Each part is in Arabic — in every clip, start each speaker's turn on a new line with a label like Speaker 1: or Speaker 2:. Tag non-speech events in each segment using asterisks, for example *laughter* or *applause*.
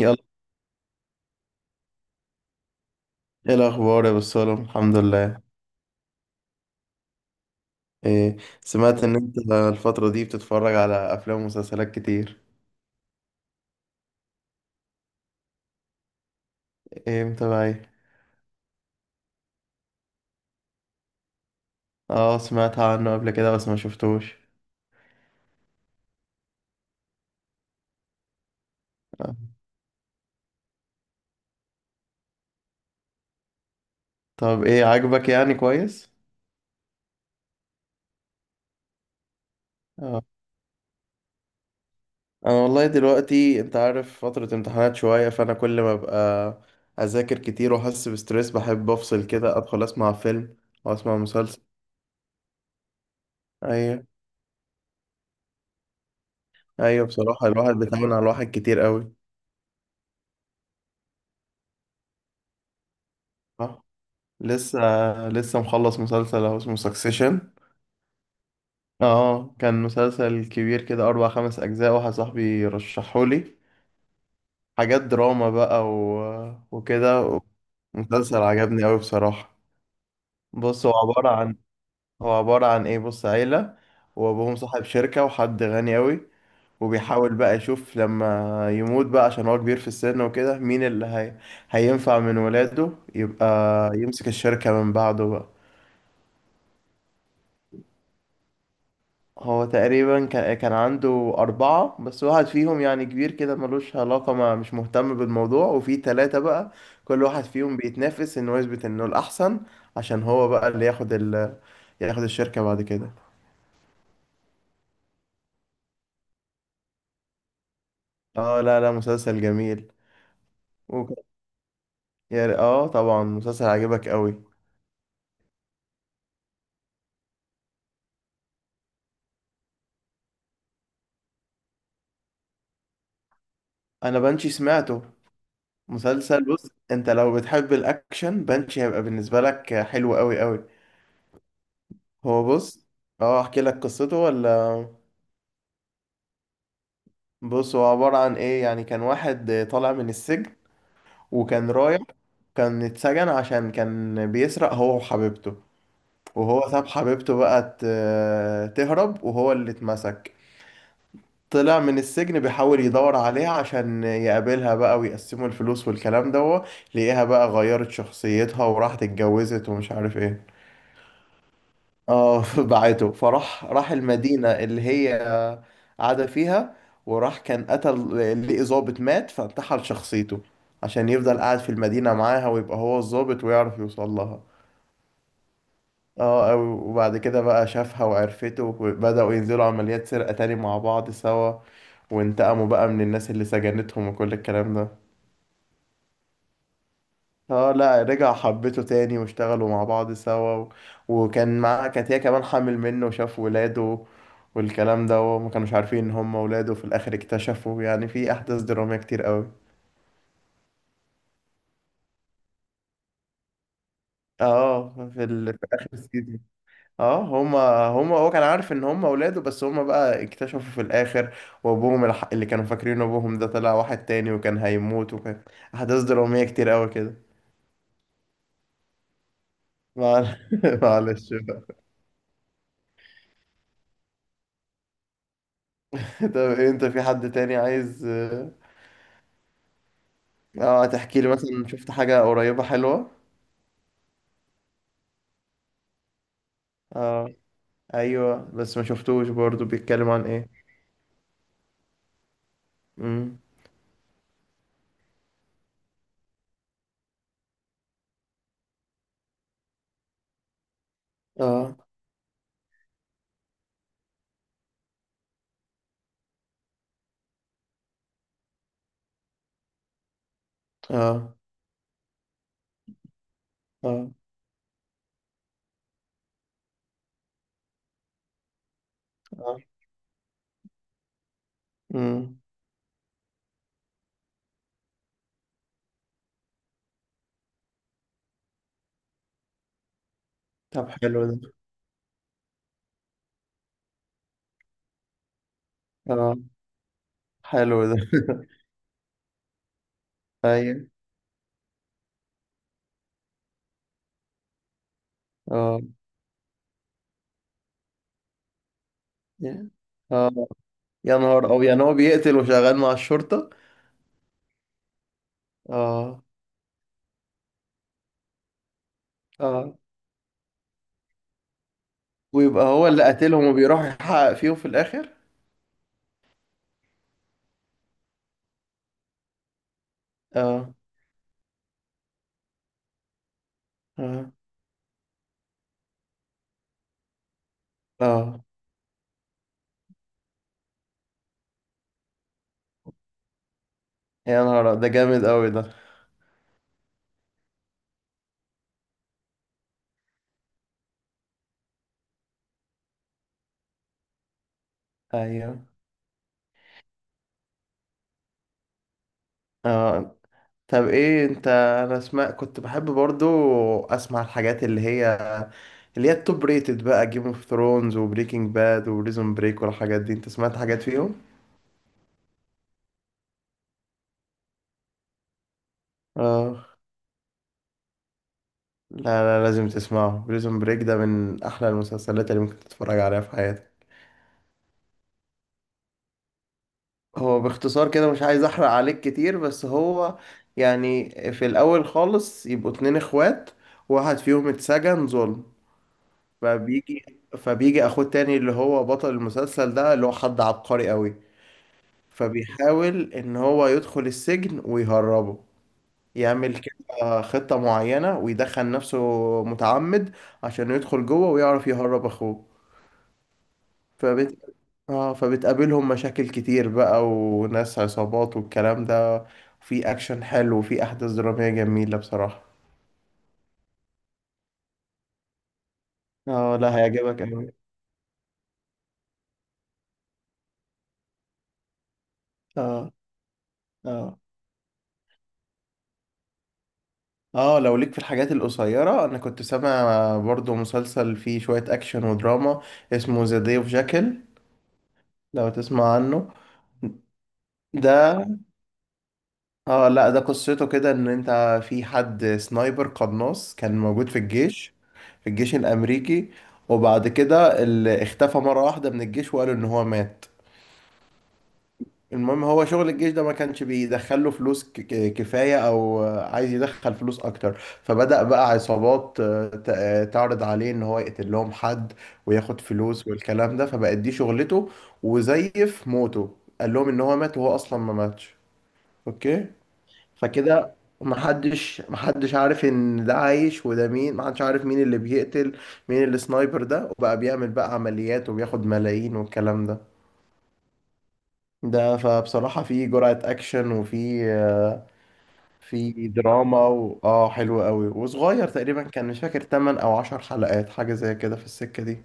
Speaker 1: يلا، ايه الاخبار يا بسالم؟ الحمد لله. إيه، سمعت ان انت الفتره دي بتتفرج على افلام ومسلسلات كتير؟ ايه متابع ايه؟ اه، سمعت عنه قبل كده بس ما شفتوش. آه. طب ايه، عاجبك يعني كويس؟ اه. انا والله دلوقتي انت عارف فتره امتحانات شويه، فانا كل ما ابقى اذاكر كتير واحس بستريس بحب افصل كده ادخل اسمع فيلم او اسمع مسلسل. ايوه. ايوه، بصراحه الواحد بيتعامل على الواحد كتير قوي. لسه، لسه مخلص مسلسل اهو اسمه سكسيشن. اه، كان مسلسل كبير كده اربع خمس اجزاء، واحد صاحبي رشحهولي. حاجات دراما بقى و... وكده. مسلسل عجبني قوي بصراحة. بص، هو عبارة عن ايه بص، عيلة. وابوهم صاحب شركة وحد غني قوي، وبيحاول بقى يشوف لما يموت بقى عشان هو كبير في السن وكده مين اللي هينفع من ولاده يبقى يمسك الشركة من بعده بقى. هو تقريبا كان عنده أربعة، بس واحد فيهم يعني كبير كده ملوش علاقة ما مش مهتم بالموضوع، وفي تلاتة بقى كل واحد فيهم بيتنافس إنه يثبت إنه الأحسن، عشان هو بقى اللي ياخد الشركة بعد كده. اه لا لا، مسلسل جميل. وك... يا ر- اه طبعا، مسلسل عجبك قوي. أنا بنشي سمعته. مسلسل بص، أنت لو بتحب الأكشن، بنشي هيبقى بالنسبة لك حلو قوي قوي. هو بص، اه أحكي لك قصته ولا؟ بص، هو عبارة عن ايه يعني، كان واحد طالع من السجن. وكان رايح كان اتسجن عشان كان بيسرق هو وحبيبته. وهو ساب حبيبته بقى تهرب، وهو اللي اتمسك. طلع من السجن بيحاول يدور عليها عشان يقابلها بقى ويقسموا الفلوس والكلام ده. لقيها بقى غيرت شخصيتها وراحت اتجوزت ومش عارف ايه. اه، *laughs* بعته فراح المدينة اللي هي قاعدة فيها. وراح كان قتل، لقي ظابط مات فانتحل شخصيته عشان يفضل قاعد في المدينة معاها ويبقى هو الظابط ويعرف يوصل لها. اه وبعد كده بقى شافها وعرفته، وبدأوا ينزلوا عمليات سرقة تاني مع بعض سوا، وانتقموا بقى من الناس اللي سجنتهم وكل الكلام ده. اه لا، رجع حبيته تاني واشتغلوا مع بعض سوا و... وكان معاه، كانت هي كمان حامل منه وشاف ولاده والكلام ده، وما كانوش عارفين ان هم ولاده في الاخر اكتشفوا، يعني في احداث درامية كتير قوي. اه، في اخر السيزون. اه. هما هما هو كان عارف ان هما ولاده، بس هما بقى اكتشفوا في الاخر. وابوهم اللي كانوا فاكرين ابوهم ده طلع واحد تاني، وكان هيموت، وكان احداث درامية كتير قوي كده. مع- *laughs* معلش بقى. طب إيه، انت في حد تاني عايز اه تحكي لي مثلا شفت حاجة قريبة حلوة؟ اه، ايوه، بس ما شفتوش برضو، بيتكلم عن ايه؟ امم. اه. اه. اه. اه. امم. طب حلو ده. اه، حلو ده. *laughs* ايوه. اه يا- اه يا نهار او، يعني هو بيقتل وشغال مع الشرطة؟ اه، اه، ويبقى هو اللي قاتلهم وبيروح يحقق فيهم في الاخر؟ اه. اه. اه، يا نهار ده جامد قوي ده. ايوه. اه، طب ايه انت، انا اسمع كنت بحب برضو اسمع الحاجات اللي هي التوب ريتد بقى، جيم اوف ثرونز وبريكنج باد وريزون بريك والحاجات دي، انت سمعت حاجات فيهم؟ اه لا لا، لازم تسمعه، بريزون بريك ده من احلى المسلسلات اللي ممكن تتفرج عليها في حياتك. هو باختصار كده، مش عايز احرق عليك كتير، بس هو يعني في الاول خالص يبقوا اتنين اخوات، واحد فيهم اتسجن ظلم. فبيجي فبيجي اخوه تاني اللي هو بطل المسلسل ده اللي هو حد عبقري قوي. فبيحاول ان هو يدخل السجن ويهربه، يعمل كده خطة معينة ويدخل نفسه متعمد عشان يدخل جوه ويعرف يهرب اخوه. فبت... فبتقابلهم مشاكل كتير بقى وناس عصابات والكلام ده، في اكشن حلو وفي احداث درامية جميلة بصراحة. اه لا، هيعجبك أوي. اه. اه. اه، لو ليك في الحاجات القصيرة، انا كنت سامع برضو مسلسل فيه شوية اكشن ودراما اسمه ذا داي اوف جاكل، لو تسمع عنه. ده، اه لا ده قصته كده ان انت، في حد سنايبر قناص كان موجود في الجيش، في الجيش الامريكي، وبعد كده اللي اختفى مرة واحدة من الجيش، وقالوا ان هو مات. المهم، هو شغل الجيش ده ما كانش بيدخله فلوس كفاية، او عايز يدخل فلوس اكتر. فبدأ بقى عصابات تعرض عليه ان هو يقتل لهم حد وياخد فلوس والكلام ده، فبقت دي شغلته. وزيف موته، قال لهم ان هو مات وهو اصلا ما ماتش. اوكي. فكده محدش عارف ان ده عايش وده مين، محدش عارف مين اللي بيقتل مين اللي سنايبر ده، وبقى بيعمل بقى عمليات وبياخد ملايين والكلام ده. فبصراحة في جرعة اكشن وفي في دراما و... اه حلو قوي وصغير تقريبا، كان مش فاكر 8 او 10 حلقات، حاجة زي كده في السكة دي.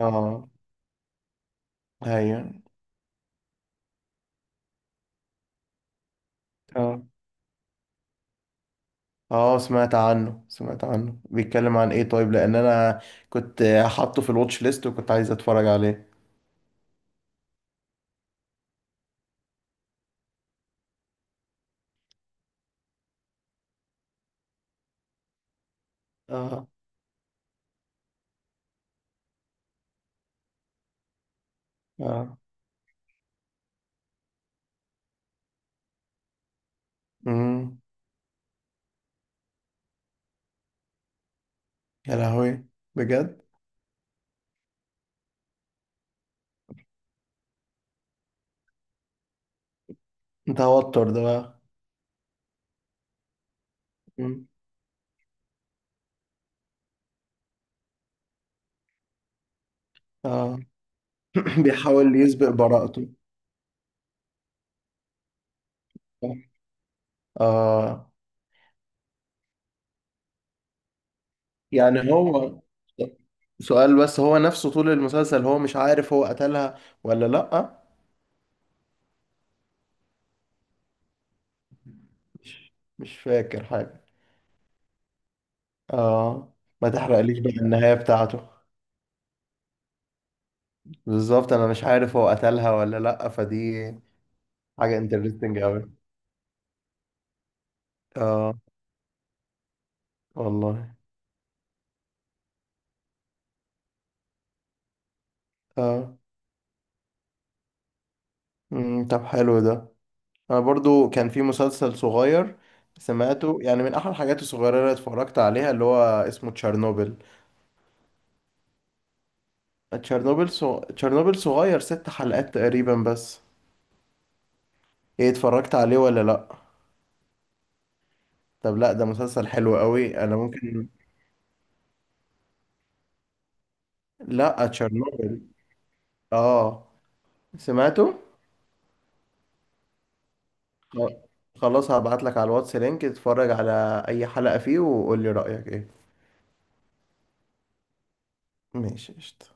Speaker 1: اه. هي اه، اه، سمعت عنه بيتكلم عن ايه؟ طيب، لان انا كنت حاطه في الواتش ليست وكنت عايز اتفرج عليه. اه. اه. امم. يا لهوي، بجد؟ توتر ده بقى. مم. اه، *clears throat* بيحاول يسبق براءته. اه، يعني هو، سؤال بس هو نفسه طول المسلسل هو مش عارف هو قتلها ولا لأ؟ مش فاكر حاجة؟ اه، ما تحرقليش بقى النهاية بتاعته. بالظبط، انا مش عارف هو قتلها ولا لأ، فدي حاجة انترستنج قوي. اه والله. اه. مم. طب حلو ده. انا برضو كان في مسلسل صغير سمعته، يعني من احد الحاجات الصغيره اللي اتفرجت عليها اللي هو اسمه تشيرنوبل. تشيرنوبل صغير، ست حلقات تقريبا بس. ايه، اتفرجت عليه ولا لا؟ طب لا، ده مسلسل حلو قوي، انا ممكن. لا تشيرنوبل. اه، سمعته. خ- خلاص، هبعت لك على الواتس لينك، اتفرج على اي حلقه فيه وقول لي رايك ايه. ماشي قشطة.